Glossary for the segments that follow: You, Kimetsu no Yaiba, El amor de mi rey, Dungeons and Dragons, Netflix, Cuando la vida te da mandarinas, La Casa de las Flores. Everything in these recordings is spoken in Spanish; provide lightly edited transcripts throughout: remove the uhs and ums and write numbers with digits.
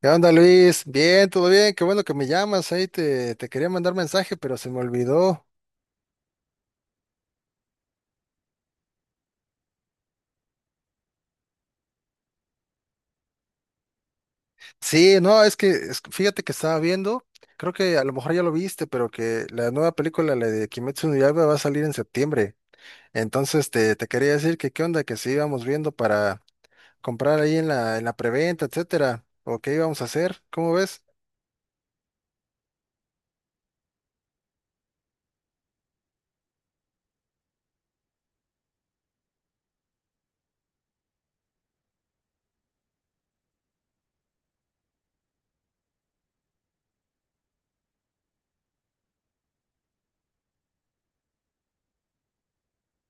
¿Qué onda, Luis? Bien, todo bien, qué bueno que me llamas. Ahí te quería mandar mensaje, pero se me olvidó. Sí, no, fíjate que estaba viendo, creo que a lo mejor ya lo viste, pero que la nueva película, la de Kimetsu no Yaiba, va a salir en septiembre. Entonces te quería decir que qué onda, que si íbamos viendo para comprar ahí en la preventa, etcétera, o qué íbamos a hacer, ¿cómo ves?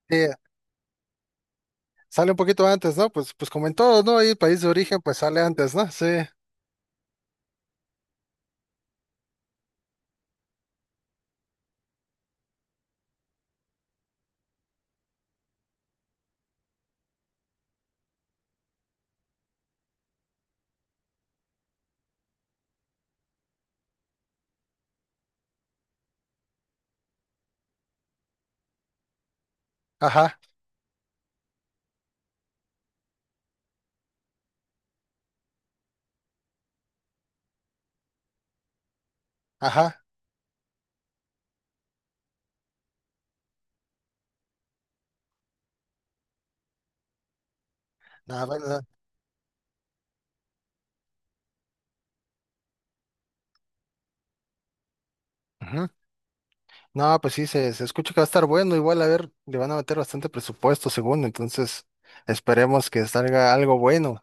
Sí, sale un poquito antes, ¿no? Pues como en todo, ¿no? Ahí país de origen, pues sale antes, ¿no? Sí, ajá, ajá. Nada, nada. No, pues sí, se escucha que va a estar bueno. Igual, a ver, le van a meter bastante presupuesto, según. Entonces, esperemos que salga algo bueno.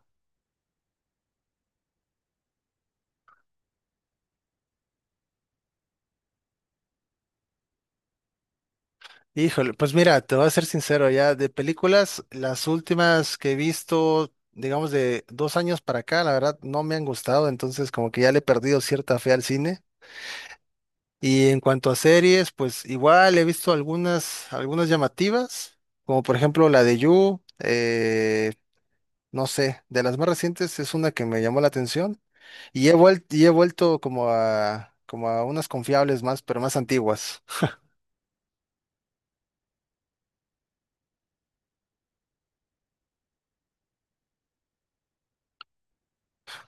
Híjole, pues mira, te voy a ser sincero, ya de películas, las últimas que he visto, digamos, de dos años para acá, la verdad, no me han gustado. Entonces, como que ya le he perdido cierta fe al cine. Y en cuanto a series, pues igual he visto algunas, algunas llamativas, como por ejemplo la de You, no sé, de las más recientes es una que me llamó la atención. Y he vuelto como a, como a unas confiables más, pero más antiguas.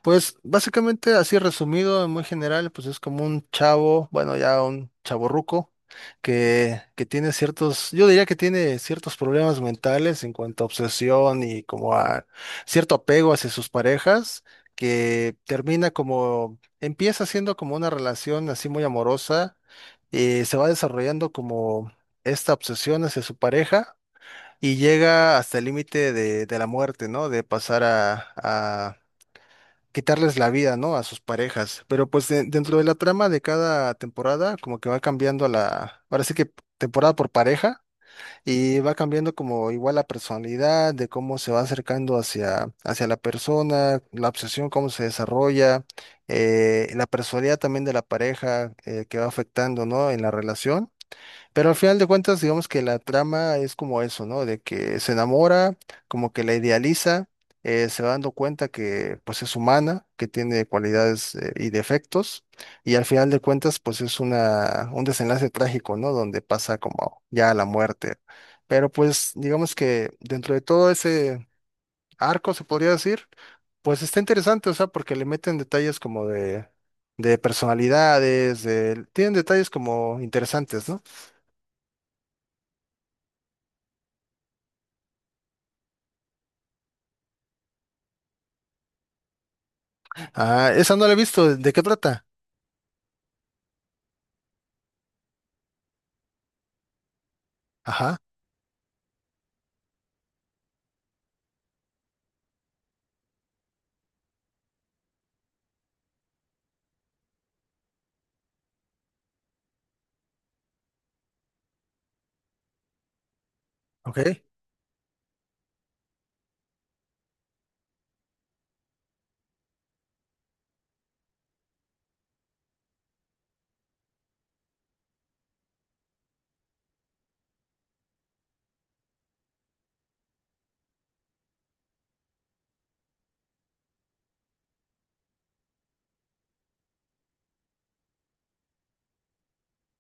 Pues básicamente, así resumido, en muy general, pues es como un chavo, bueno, ya un chavorruco, que tiene ciertos, yo diría que tiene ciertos problemas mentales en cuanto a obsesión y como a cierto apego hacia sus parejas, que termina como, empieza siendo como una relación así muy amorosa, y se va desarrollando como esta obsesión hacia su pareja. Y llega hasta el límite de la muerte, ¿no? De pasar a quitarles la vida, ¿no? A sus parejas. Pero pues dentro de la trama de cada temporada, como que va cambiando la, ahora sí que temporada por pareja, y va cambiando como igual la personalidad, de cómo se va acercando hacia, hacia la persona, la obsesión, cómo se desarrolla, la personalidad también de la pareja, que va afectando, ¿no? En la relación. Pero al final de cuentas, digamos que la trama es como eso, ¿no? De que se enamora, como que la idealiza, se va dando cuenta que pues es humana, que tiene cualidades y defectos, y al final de cuentas pues es una, un desenlace trágico, ¿no? Donde pasa como ya a la muerte. Pero pues digamos que dentro de todo ese arco, se podría decir, pues está interesante, o sea, porque le meten detalles como de personalidades, tienen detalles como interesantes, ¿no? Ah, esa no la he visto. ¿De qué trata? Ajá, ok.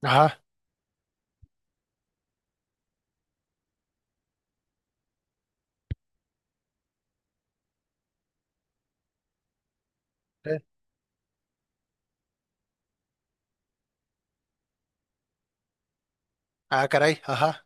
Ajá. eh, Ah, caray, ajá.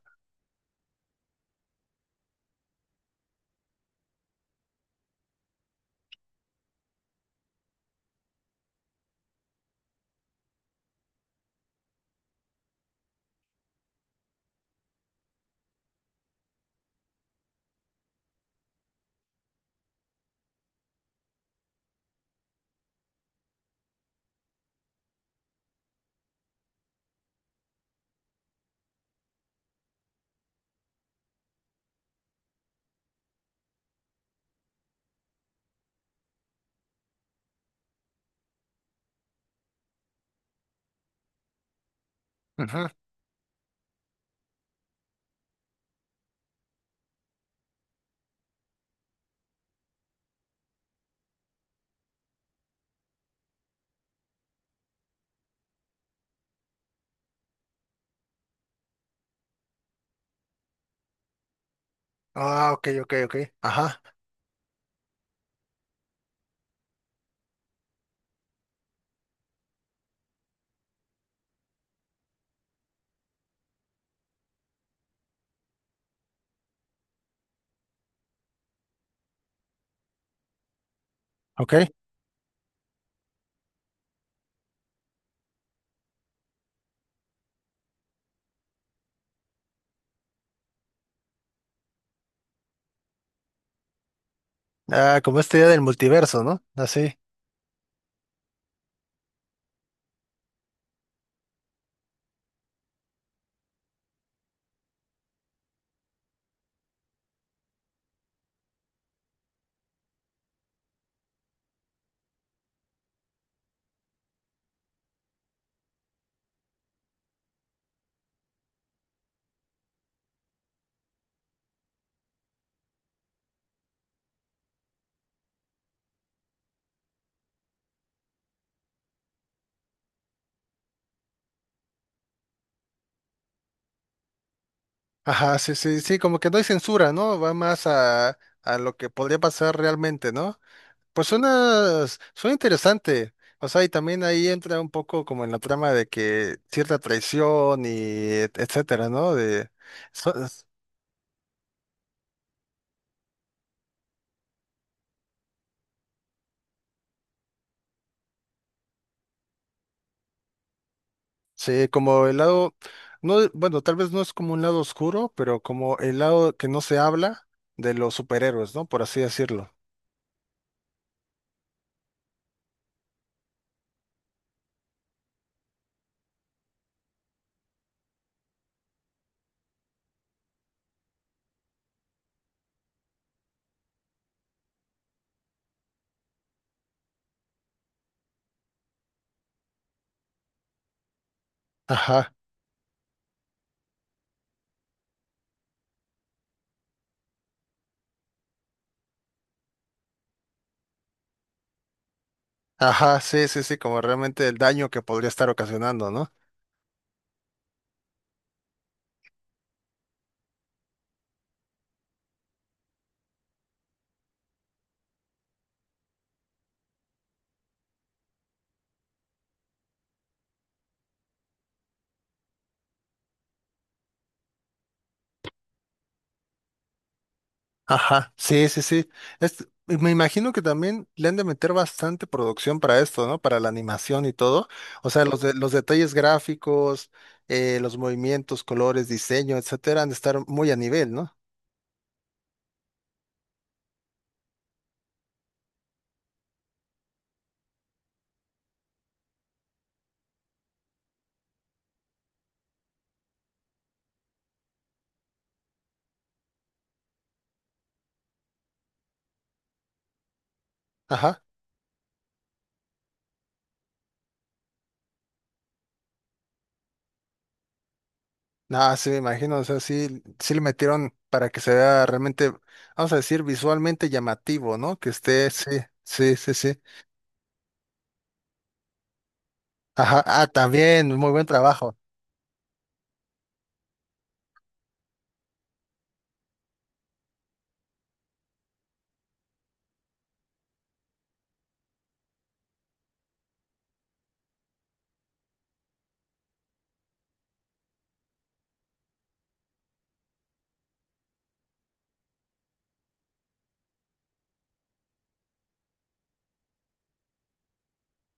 Ujú. Ah, ok, ok, ok. Ajá, ok. Ah, como esta idea del multiverso, ¿no? Así. Ajá, sí, sí, sí, como que no hay censura, ¿no? Va más a lo que podría pasar realmente, ¿no? Pues suena, suena interesante. O sea, y también ahí entra un poco como en la trama de que cierta traición y etcétera, ¿no? De, so, sí, como el lado, no, bueno, tal vez no es como un lado oscuro, pero como el lado que no se habla de los superhéroes, ¿no? Por así decirlo. Ajá, ajá, sí, sí, sí, como realmente el daño que podría estar ocasionando, ¿no? Ajá, sí, sí, sí. Es- me imagino que también le han de meter bastante producción para esto, ¿no? Para la animación y todo. O sea, los, los detalles gráficos, los movimientos, colores, diseño, etcétera, han de estar muy a nivel, ¿no? Ajá. Ah, sí, me imagino, o sea, sí, sí le metieron para que se vea realmente, vamos a decir, visualmente llamativo, ¿no? Que esté, sí, sí, sí, sí. Ajá, ah, también, muy buen trabajo.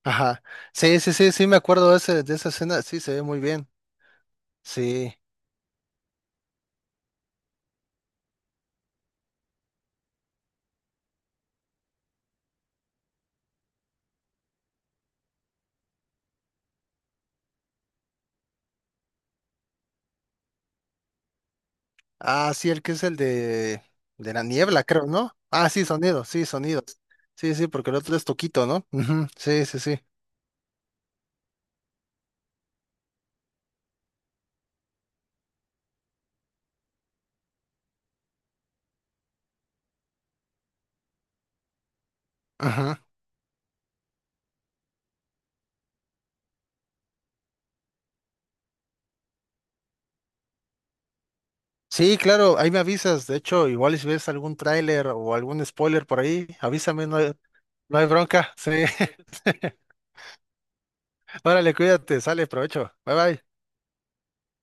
Ajá, sí, sí, sí, sí, me acuerdo de, ese, de esa escena, sí, se ve muy bien. Sí, ah, sí, el que es el de la niebla, creo, ¿no? Ah, sí, sonido, sí, sonido. Sí, sí, porque el otro es Toquito, ¿no? Ujú. Sí, sí, sí. Ajá. Sí, claro, ahí me avisas. De hecho, igual si ves algún tráiler o algún spoiler por ahí, avísame, no. No hay bronca, sí. Órale, cuídate, sale, provecho. Bye bye.